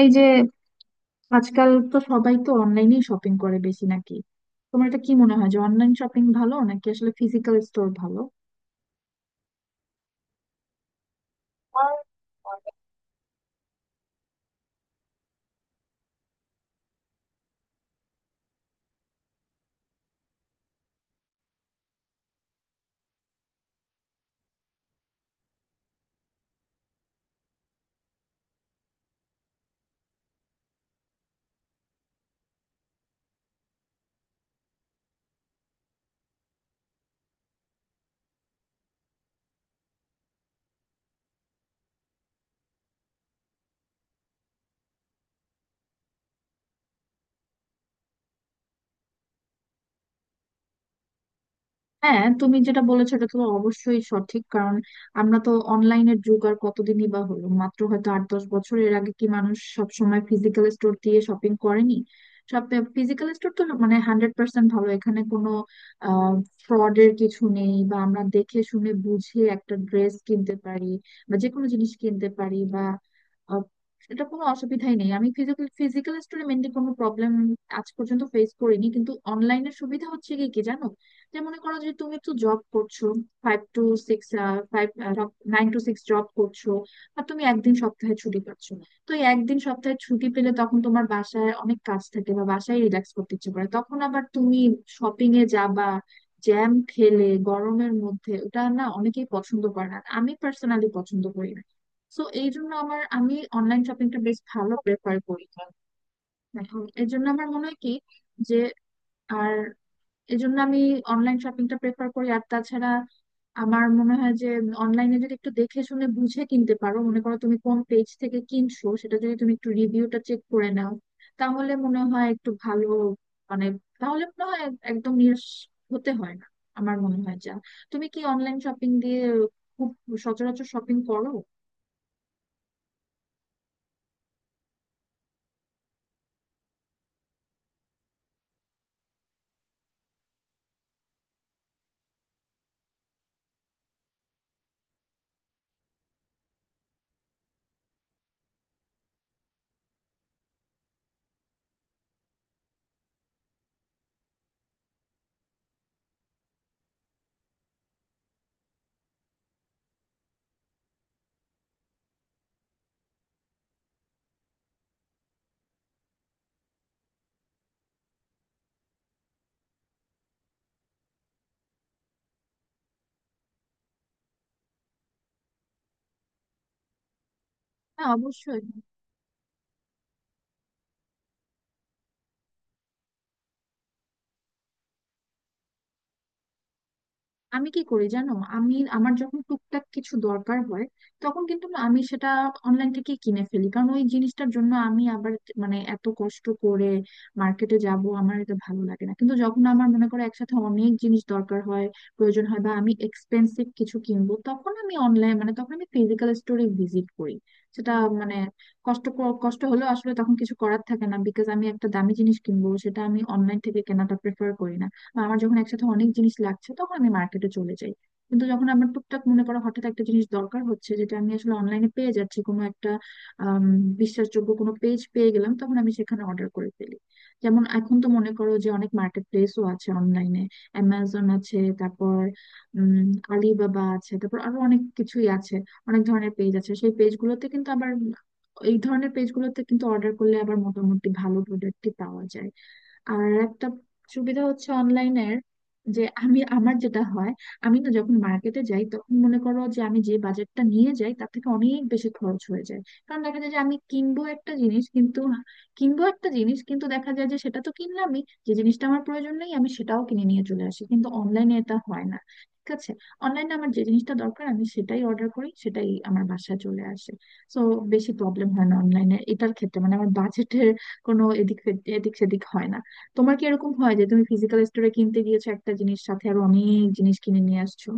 এই যে আজকাল তো সবাই তো অনলাইনেই শপিং করে বেশি, নাকি? তোমার এটা কি মনে হয় যে অনলাইন শপিং ভালো, নাকি আসলে ফিজিক্যাল স্টোর ভালো? হ্যাঁ, তুমি যেটা বলেছো এটা তো অবশ্যই সঠিক। কারণ আমরা তো অনলাইনের যুগ আর কতদিনই বা হলো, মাত্র হয়তো 8-10 বছর। এর আগে কি মানুষ সব সময় ফিজিক্যাল স্টোর দিয়ে শপিং করেনি? সব ফিজিক্যাল স্টোর তো মানে 100% ভালো, এখানে কোনো আহ ফ্রডের কিছু নেই, বা আমরা দেখে শুনে বুঝে একটা ড্রেস কিনতে পারি, বা যে কোনো জিনিস কিনতে পারি, বা আহ, এটা কোনো অসুবিধাই নেই। আমি ফিজিক্যাল ফিজিক্যাল স্টোরে মেনলি কোনো প্রবলেম আজ পর্যন্ত ফেস করিনি। কিন্তু অনলাইনের সুবিধা হচ্ছে কি কি জানো? যে মনে করো যে তুমি একটু জব করছো, five two six five 9-6 job করছো, আর তুমি একদিন সপ্তাহে ছুটি পাচ্ছ। তো এই একদিন সপ্তাহে ছুটি পেলে তখন তোমার বাসায় অনেক কাজ থাকে বা বাসায় রিল্যাক্স করতে ইচ্ছে করে, তখন আবার তুমি শপিং এ যাবা? জ্যাম খেলে গরমের মধ্যে ওটা না অনেকেই পছন্দ করে না, আমি পার্সোনালি পছন্দ করি না। তো এই জন্য আমি অনলাইন শপিংটা বেশ ভালো প্রেফার করি। এখন এই জন্য আমার মনে হয় কি, যে, আর এই জন্য আমি অনলাইন শপিংটা প্রেফার করি। আর তাছাড়া আমার মনে হয় যে অনলাইনে যদি একটু দেখে শুনে বুঝে কিনতে পারো, মনে করো তুমি কোন পেজ থেকে কিনছো, সেটা যদি তুমি একটু রিভিউটা চেক করে নাও, তাহলে মনে হয় একটু ভালো। মানে, তাহলে মনে হয় একদম নিরাশ হতে হয় না। আমার মনে হয় যা। তুমি কি অনলাইন শপিং দিয়ে খুব সচরাচর শপিং করো? হ্যাঁ, অবশ্যই। আমি কি করি জানো, আমি আমার যখন টুকটাক কিছু দরকার হয় তখন কিন্তু না আমি সেটা অনলাইন থেকে কিনে ফেলি। কারণ ওই জিনিসটার জন্য আমি আবার মানে এত কষ্ট করে মার্কেটে যাব, আমার এটা ভালো লাগে না। কিন্তু যখন আমার মনে করো একসাথে অনেক জিনিস দরকার হয়, প্রয়োজন হয়, বা আমি এক্সপেন্সিভ কিছু কিনবো, তখন আমি অনলাইন মানে তখন আমি ফিজিক্যাল স্টোরে ভিজিট করি। সেটা মানে কষ্ট কষ্ট হলেও আসলে তখন কিছু করার থাকে না, বিকজ আমি একটা দামি জিনিস কিনবো, সেটা আমি অনলাইন থেকে কেনাটা প্রেফার করি না। বা আমার যখন একসাথে অনেক জিনিস লাগছে তখন আমি মার্কেটে চলে যাই। কিন্তু যখন আমার টুকটাক মনে করো হঠাৎ একটা জিনিস দরকার হচ্ছে যেটা আমি আসলে অনলাইনে পেয়ে যাচ্ছি, কোনো একটা আম, বিশ্বাসযোগ্য কোনো পেজ পেয়ে গেলাম, তখন আমি সেখানে অর্ডার করে ফেলি। যেমন এখন তো মনে করো যে অনেক মার্কেট প্লেসও আছে অনলাইনে। অ্যামাজন আছে, তারপর উম আলিবাবা আছে, তারপর আরো অনেক কিছুই আছে। অনেক ধরনের পেজ আছে, সেই পেজগুলোতে কিন্তু আবার, এই ধরনের পেজগুলোতে কিন্তু অর্ডার করলে আবার মোটামুটি ভালো প্রোডাক্টই পাওয়া যায়। আর একটা সুবিধা হচ্ছে অনলাইনের, যে আমি আমার যেটা হয়, আমি না যখন মার্কেটে যাই তখন মনে করো যে আমি যে বাজেটটা নিয়ে যাই তার থেকে অনেক বেশি খরচ হয়ে যায়। কারণ দেখা যায় যে আমি কিনবো একটা জিনিস কিন্তু দেখা যায় যে সেটা তো কিনলামই, যে জিনিসটা আমার প্রয়োজন নেই আমি সেটাও কিনে নিয়ে চলে আসি। কিন্তু অনলাইনে এটা হয় না, ঠিক আছে। অনলাইনে আমার যে জিনিসটা দরকার আমি সেটাই অর্ডার করি, সেটাই আমার বাসায় চলে আসে। তো বেশি প্রবলেম হয় না অনলাইনে এটার ক্ষেত্রে, মানে আমার বাজেটের কোনো এদিক সেদিক হয় না। তোমার কি এরকম হয় যে তুমি ফিজিক্যাল স্টোরে কিনতে গিয়েছো একটা জিনিস, সাথে আরো অনেক জিনিস কিনে নিয়ে আসছো?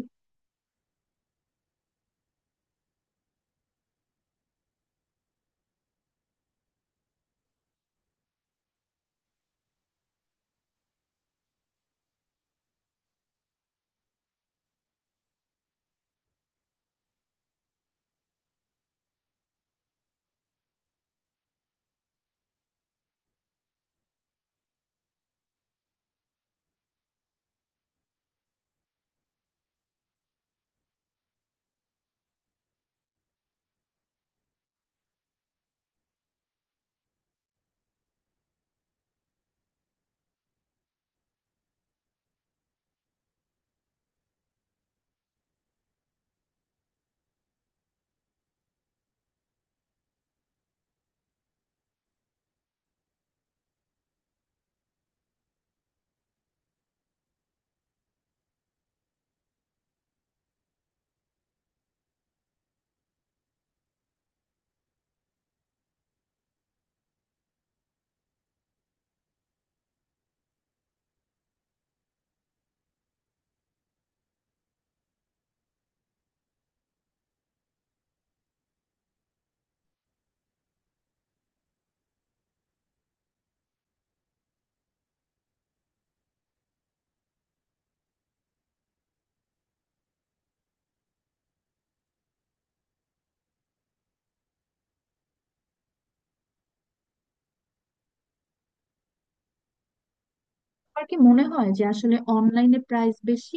আমার কি মনে হয় যে আসলে অনলাইনে প্রাইস বেশি,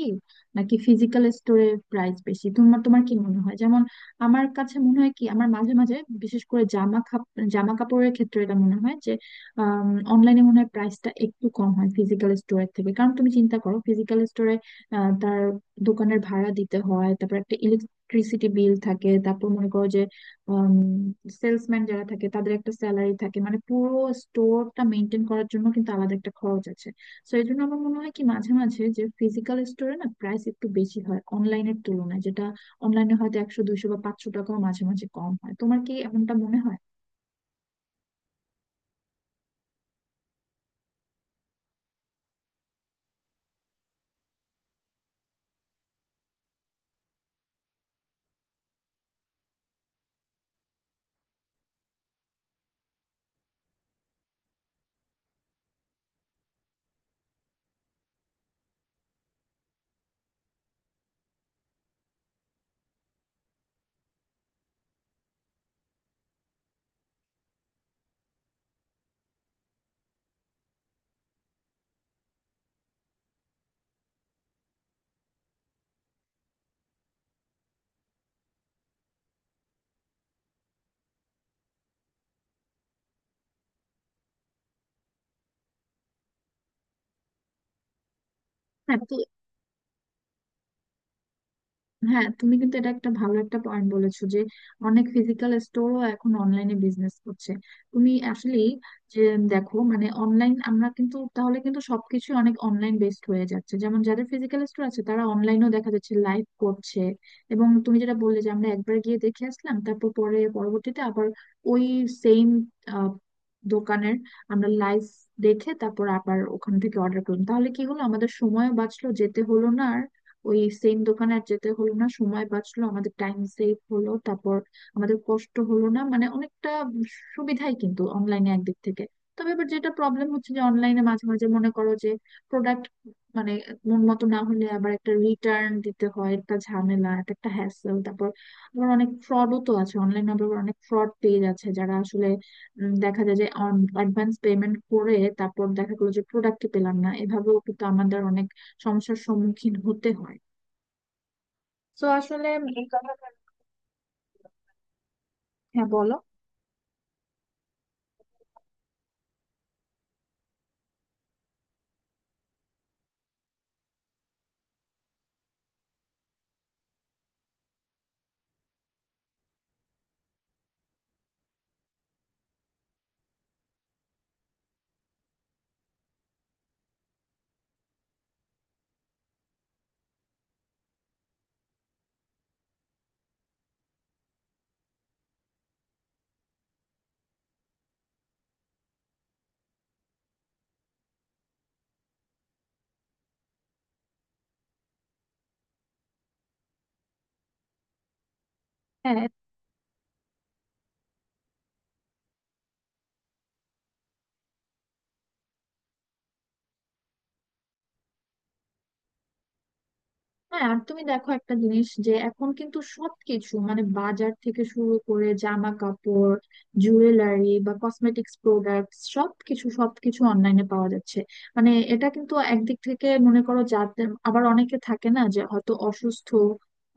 নাকি ফিজিক্যাল স্টোরের প্রাইস বেশি, তোমার তোমার কি মনে হয়? যেমন আমার কাছে মনে হয় কি, আমার মাঝে মাঝে বিশেষ করে জামা কাপড়ের ক্ষেত্রে এটা মনে হয় যে অনলাইনে মনে হয় প্রাইসটা একটু কম হয় ফিজিক্যাল স্টোরের থেকে। কারণ তুমি চিন্তা করো ফিজিক্যাল স্টোরে তার দোকানের ভাড়া দিতে হয়, তারপর একটা ইলেকট্রিসিটি বিল থাকে, তারপর মনে করো যে সেলসম্যান যারা থাকে তাদের একটা স্যালারি থাকে, মানে পুরো স্টোরটা মেনটেন করার জন্য কিন্তু আলাদা একটা খরচ আছে। তো এই জন্য আমার মনে হয় কি মাঝে মাঝে, যে ফিজিক্যাল স্টোরে না প্রাইস একটু বেশি হয় অনলাইনের তুলনায়, যেটা অনলাইনে হয়তো 100, 200 বা 500 টাকাও মাঝে মাঝে কম হয়। তোমার কি এমনটা মনে হয়? হ্যাঁ, তো হ্যাঁ, তুমি কিন্তু এটা একটা ভালো একটা পয়েন্ট বলেছো, যে অনেক ফিজিক্যাল স্টোরও এখন অনলাইনে বিজনেস করছে। তুমি আসলে, যে দেখো মানে অনলাইন, আমরা কিন্তু তাহলে কিন্তু সবকিছু অনেক অনলাইন বেসড হয়ে যাচ্ছে। যেমন যাদের ফিজিক্যাল স্টোর আছে তারা অনলাইনেও দেখা যাচ্ছে লাইভ করছে। এবং তুমি যেটা বললে যে আমরা একবার গিয়ে দেখে আসলাম, তারপর পরে পরবর্তীতে আবার ওই সেম দোকানের আমরা লাইভ দেখে তারপর আবার ওখান থেকে অর্ডার করলাম, তাহলে কি হলো, আমাদের সময়ও বাঁচলো, যেতে হলো না ওই সেম দোকানে আর যেতে হলো না, সময় বাঁচলো, আমাদের টাইম সেভ হলো। তারপর আমাদের কষ্ট হলো না, মানে অনেকটা সুবিধাই কিন্তু অনলাইনে একদিক থেকে। তবে এবার যেটা প্রবলেম হচ্ছে যে অনলাইনে মাঝে মাঝে মনে করো যে প্রোডাক্ট মানে মন মতো না হলে আবার একটা রিটার্ন দিতে হয়, একটা ঝামেলা, এটা একটা হ্যাসেল। তারপর আবার অনেক ফ্রডও তো আছে অনলাইনে, আবার অনেক ফ্রড পেজ আছে, যারা আসলে দেখা যায় যে অ্যাডভান্স পেমেন্ট করে, তারপর দেখা গেলো যে প্রোডাক্টই পেলাম না, এভাবেও কিন্তু আমাদের অনেক সমস্যার সম্মুখীন হতে হয়। তো আসলে হ্যাঁ, বলো। হ্যাঁ, হ্যাঁ। আর তুমি দেখো একটা জিনিস, যে এখন কিন্তু সবকিছু মানে বাজার থেকে শুরু করে জামা কাপড়, জুয়েলারি বা কসমেটিক্স প্রোডাক্টস, সবকিছু সবকিছু অনলাইনে পাওয়া যাচ্ছে। মানে এটা কিন্তু একদিক থেকে মনে করো যাদের আবার অনেকে থাকে না, যে হয়তো অসুস্থ,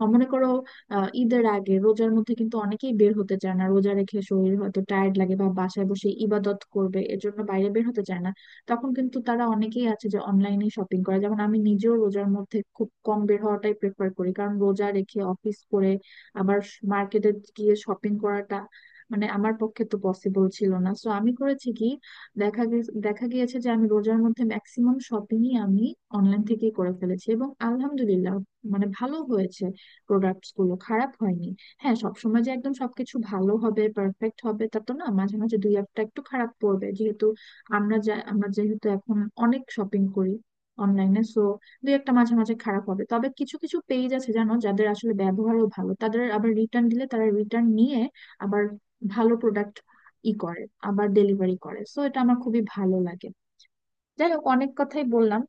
মনে করো ঈদের আগে রোজার মধ্যে কিন্তু অনেকেই বের হতে চায় না। রোজা রেখে শরীর হয়তো টায়ার্ড লাগে বা বাসায় বসে ইবাদত করবে, এজন্য বাইরে বের হতে চায় না। তখন কিন্তু তারা অনেকেই আছে যে অনলাইনে শপিং করে। যেমন আমি নিজেও রোজার মধ্যে খুব কম বের হওয়াটাই প্রেফার করি, কারণ রোজা রেখে অফিস করে আবার মার্কেটে গিয়ে শপিং করাটা মানে আমার পক্ষে তো পসিবল ছিল না। সো আমি করেছি কি, দেখা গিয়েছে যে আমি রোজার মধ্যে ম্যাক্সিমাম শপিংই আমি অনলাইন থেকেই করে ফেলেছি, এবং আলহামদুলিল্লাহ মানে ভালো হয়েছে, প্রোডাক্টস গুলো খারাপ হয়নি। হ্যাঁ, সবসময় যে একদম সবকিছু ভালো হবে পারফেক্ট হবে তা তো না, মাঝে মাঝে দুই একটা একটু খারাপ পড়বে, যেহেতু আমরা যেহেতু এখন অনেক শপিং করি অনলাইনে। সো দুই একটা মাঝে মাঝে খারাপ হবে, তবে কিছু কিছু পেজ আছে জানো যাদের আসলে ব্যবহারও ভালো, তাদের আবার রিটার্ন দিলে তারা রিটার্ন নিয়ে আবার ভালো প্রোডাক্ট ই করে, আবার ডেলিভারি করে। সো এটা আমার খুবই ভালো লাগে। যাই হোক, অনেক কথাই বললাম।